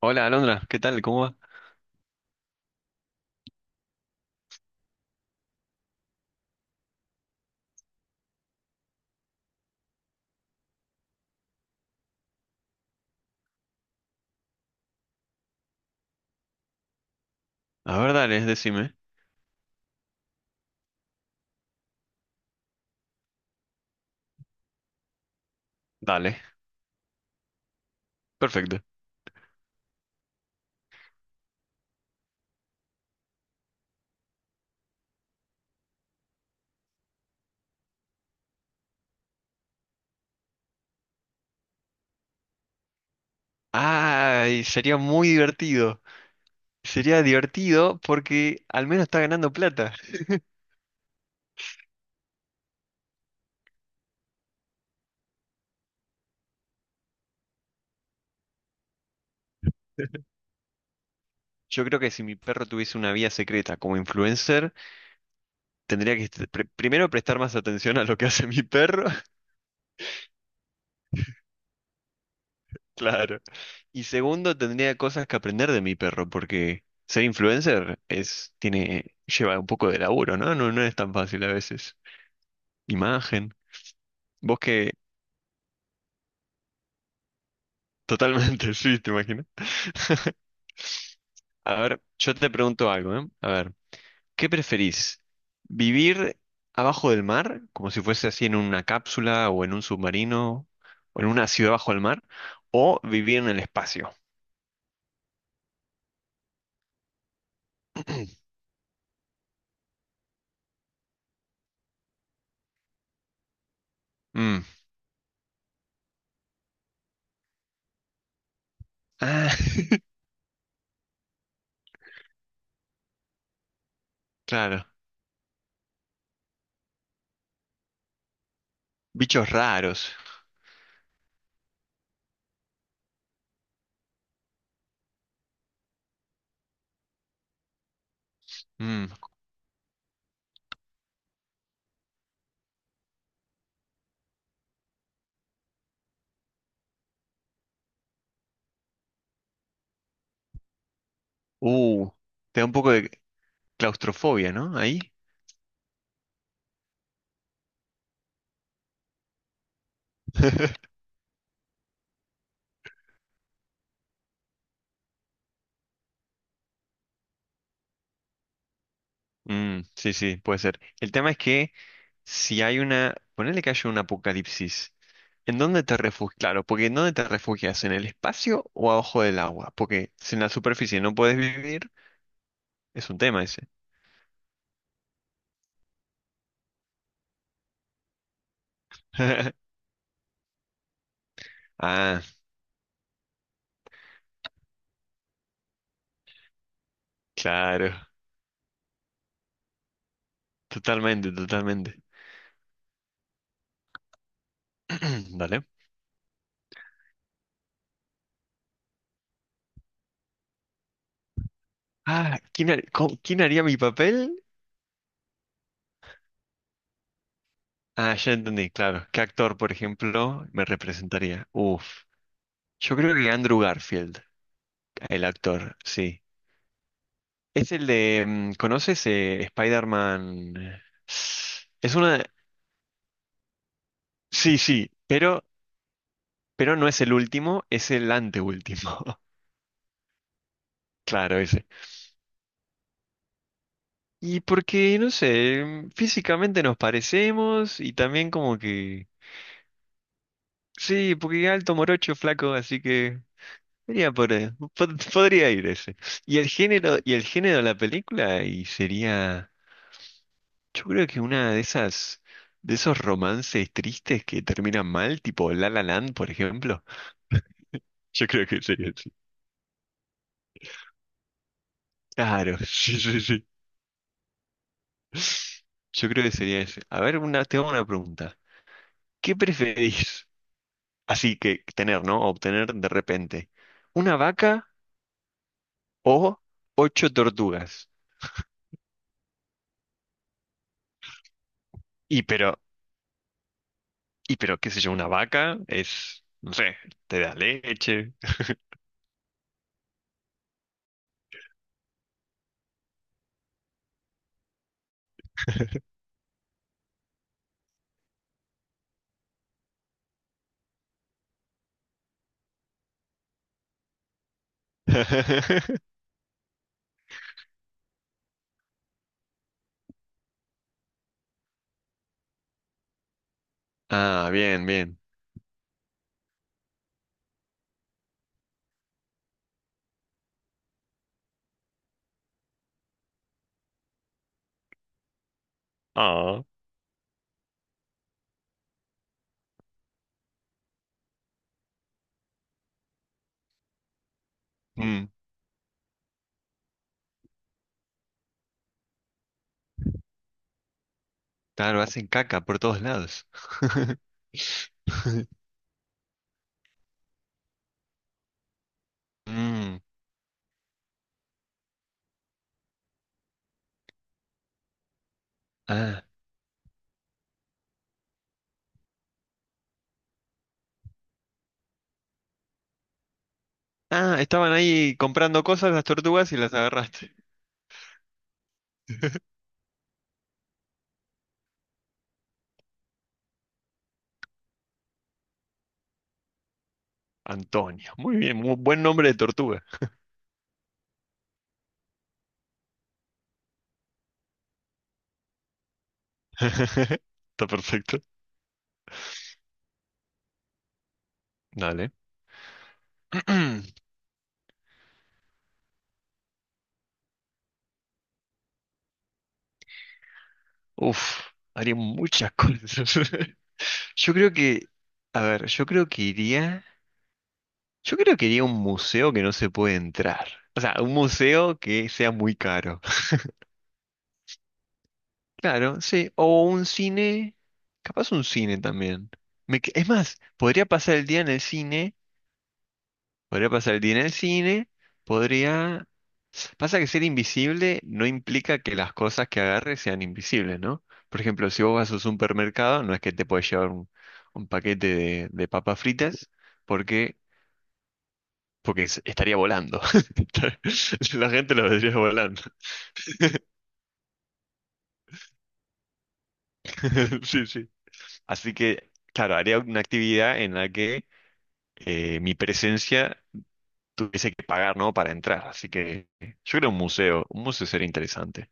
Hola, Alondra, ¿qué tal? ¿Cómo va? A ver, dale, decime. Dale, perfecto. Ay, sería muy divertido. Sería divertido porque al menos está ganando plata. Yo creo que si mi perro tuviese una vía secreta como influencer, tendría que primero prestar más atención a lo que hace mi perro. Claro. Y segundo, tendría cosas que aprender de mi perro, porque ser influencer lleva un poco de laburo, ¿no? No, no es tan fácil a veces. Imagen. Vos que Totalmente. Sí, te imaginas. A ver, yo te pregunto algo, ¿eh? A ver, ¿qué preferís? ¿Vivir abajo del mar, como si fuese así en una cápsula o en un submarino, o en una ciudad bajo el mar? ¿O vivir en el espacio? Mm. Ah. Claro. Bichos raros. Mm. Uh, Te da un poco de claustrofobia, ¿no? Ahí. Mm, sí, sí, puede ser. El tema es que si hay ponele que haya un apocalipsis, ¿en dónde te refugias? Claro, porque ¿en dónde te refugias? ¿En el espacio o abajo del agua? Porque si en la superficie no puedes vivir, es un tema ese. Ah, claro. Totalmente, totalmente. Dale. Ah, ¿Quién haría mi papel? Ah, ya entendí, claro. ¿Qué actor, por ejemplo, me representaría? Uf. Yo creo que Andrew Garfield, el actor, sí. Es el de. ¿Conoces Spider-Man? Es una. Sí, sí, pero no es el último, es el anteúltimo. Claro, ese. Y porque, no sé, físicamente nos parecemos y también como que. Sí, porque alto morocho, flaco, así que. Sería por, podría ir ese. y el género de la película, y sería, yo creo que de esos romances tristes que terminan mal, tipo La La Land, por ejemplo. Yo creo que sería así. Claro, sí, sí, sí. Yo creo que sería ese. A ver, te hago una pregunta. ¿Qué preferís? Así que tener, ¿no? Obtener de repente una vaca o ocho tortugas. Y pero, y pero, qué sé yo, una vaca es, no sé, te da leche. Ah, bien, bien. Ah. Mm, claro, hacen caca por todos lados. Mm, ah. Ah, estaban ahí comprando cosas las tortugas y las agarraste. Antonio. Muy bien, muy buen nombre de tortuga. Está perfecto. Dale. Uf, haría muchas cosas. Yo creo que, a ver, yo creo que iría a un museo que no se puede entrar. O sea, un museo que sea muy caro. Claro, sí. O un cine, capaz un cine también. Es más, podría pasar el día en el cine. Podría pasar el día en el cine, podría... Pasa que ser invisible no implica que las cosas que agarres sean invisibles, ¿no? Por ejemplo, si vos vas a un supermercado, no es que te puedes llevar un paquete de papas fritas, porque, porque estaría volando. La gente lo vendría volando. Sí, sí. Así que, claro, haría una actividad en la que mi presencia tuviese que pagar, ¿no? Para entrar. Así que yo creo un museo. Un museo sería interesante.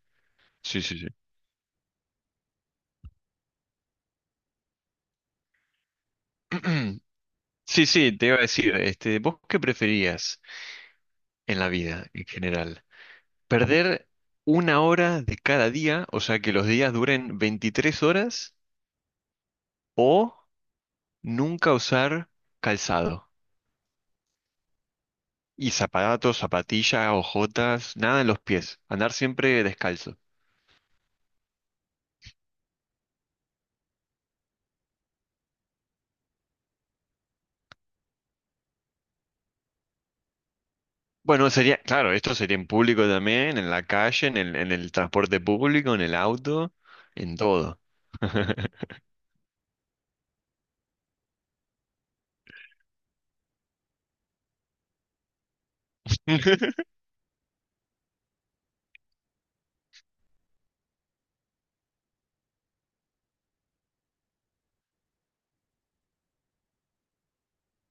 Sí, sí, sí. Sí, sí, te iba a decir, este, ¿vos qué preferías en la vida en general? ¿Perder una hora de cada día, o sea, que los días duren 23 horas, o nunca usar calzado? Y zapatos, zapatillas, ojotas, nada en los pies, andar siempre descalzo. Bueno, sería, claro, esto sería en público también, en la calle, en el transporte público, en el auto, en todo.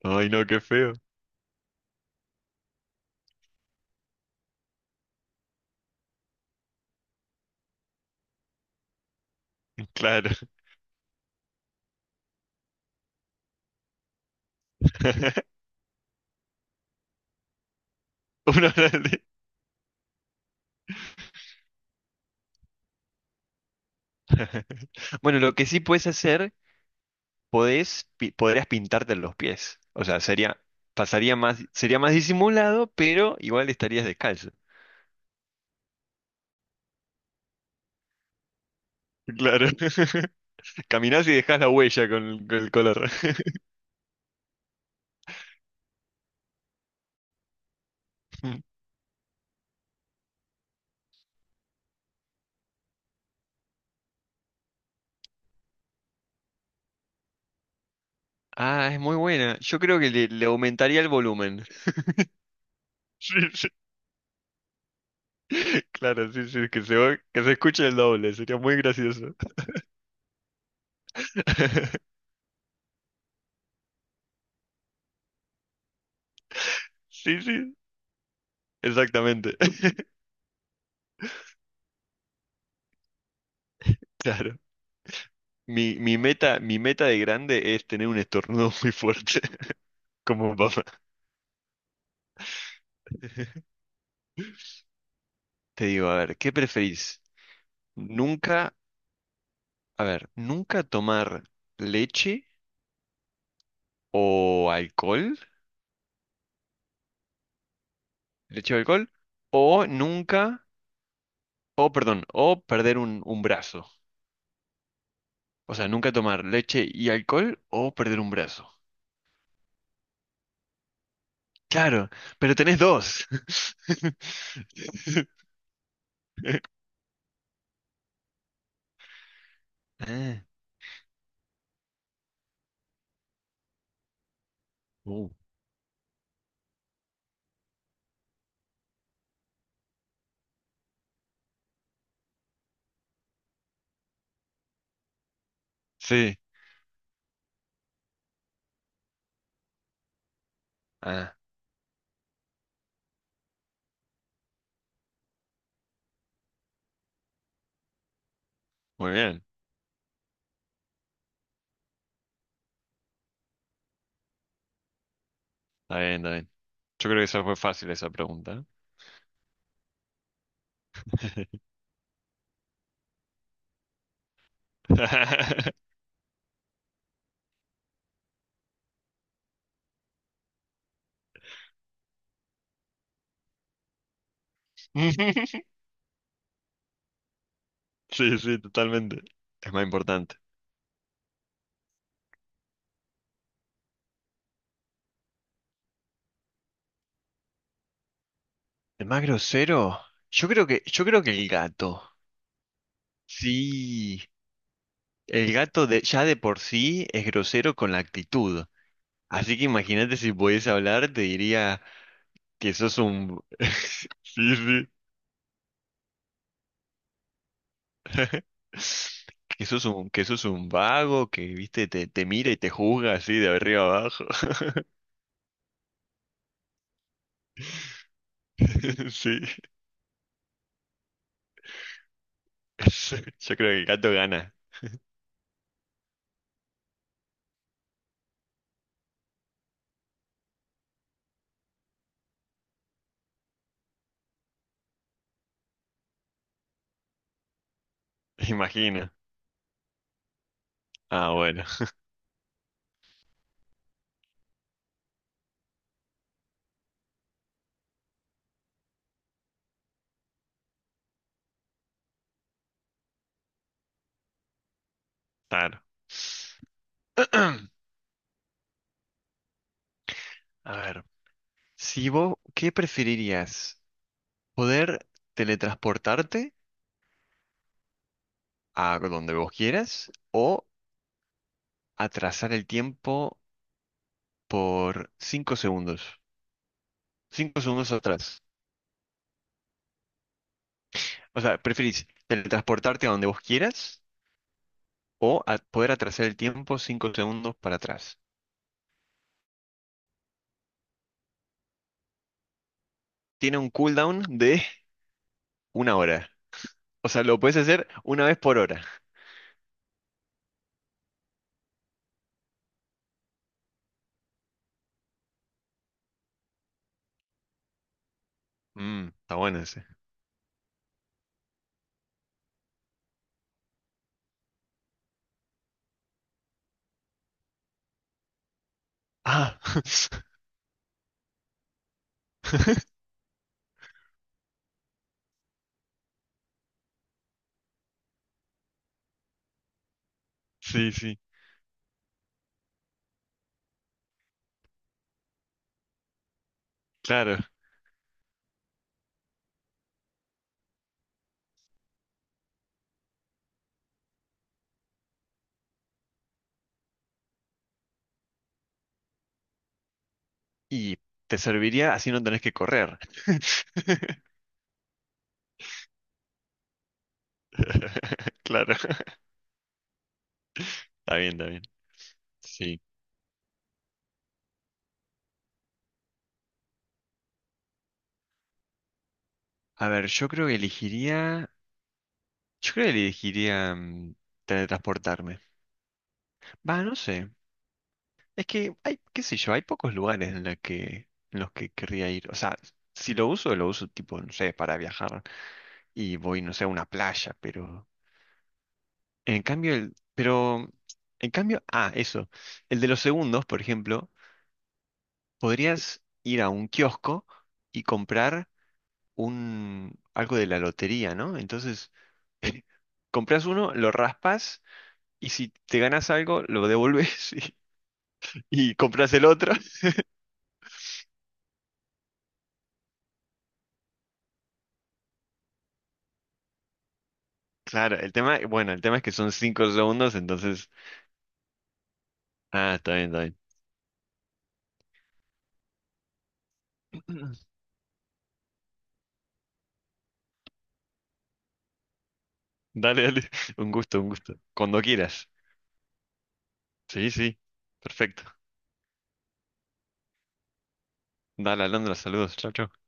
Ay, no, qué feo. Claro. Una hora al día. Bueno, lo que sí puedes hacer, podrías pintarte los pies. O sea, sería, pasaría más, sería más disimulado, pero igual estarías descalzo. Claro. Caminás y dejás la huella con el color. Ah, es muy buena. Yo creo que le aumentaría el volumen. Sí, sí. Claro, sí, sí, que se escuche el doble, sería muy gracioso. Sí, sí, exactamente. Claro. Mi meta de grande es tener un estornudo muy fuerte, como papá. Te digo, a ver, ¿qué preferís? Nunca, a ver, nunca tomar leche o alcohol, leche o alcohol, o nunca, o perdón, o perder un brazo. O sea, nunca tomar leche y alcohol o perder un brazo. Claro, pero tenés dos. Ah, uh, sí, ah, muy bien, está bien, está bien. Yo creo que esa fue fácil esa pregunta. Sí, sí, totalmente. Es más importante. ¿El más grosero? Yo creo que el gato. Sí, el gato ya de por sí es grosero con la actitud. Así que imagínate si pudiese hablar, te diría que sos un. Sí, sí. Que sos un vago, que, viste, te mira y te juzga así de arriba abajo. Sí. Yo creo que el gato gana. Imagina. Ah, bueno, claro. A ver, si vos, ¿qué preferirías? ¿Poder teletransportarte a donde vos quieras o atrasar el tiempo por 5 segundos? 5 segundos atrás. O sea, ¿preferís teletransportarte a donde vos quieras o poder atrasar el tiempo 5 segundos para atrás? Tiene un cooldown de una hora. O sea, lo puedes hacer una vez por hora. Está bueno ese. Ah. Sí, sí, claro. Y te serviría así no tenés que correr. Claro. Está bien, está bien. Sí. A ver, yo creo que elegiría. Yo creo que elegiría teletransportarme. Va, no sé. Es que hay, qué sé yo, hay pocos lugares en los que querría ir. O sea, si lo uso, lo uso tipo, no sé, para viajar. Y voy, no sé, a una playa, pero. En cambio, el. Pero. En cambio, ah, eso. El de los segundos, por ejemplo. Podrías ir a un kiosco y comprar un algo de la lotería, ¿no? Entonces, compras uno, lo raspas y si te ganas algo, lo devuelves y compras el otro. Claro, el tema, es que son 5 segundos, entonces, está bien, está bien. Dale, dale, un gusto, un gusto. Cuando quieras. Sí, sí, perfecto. Dale, Alondra, saludos. Chao, chao.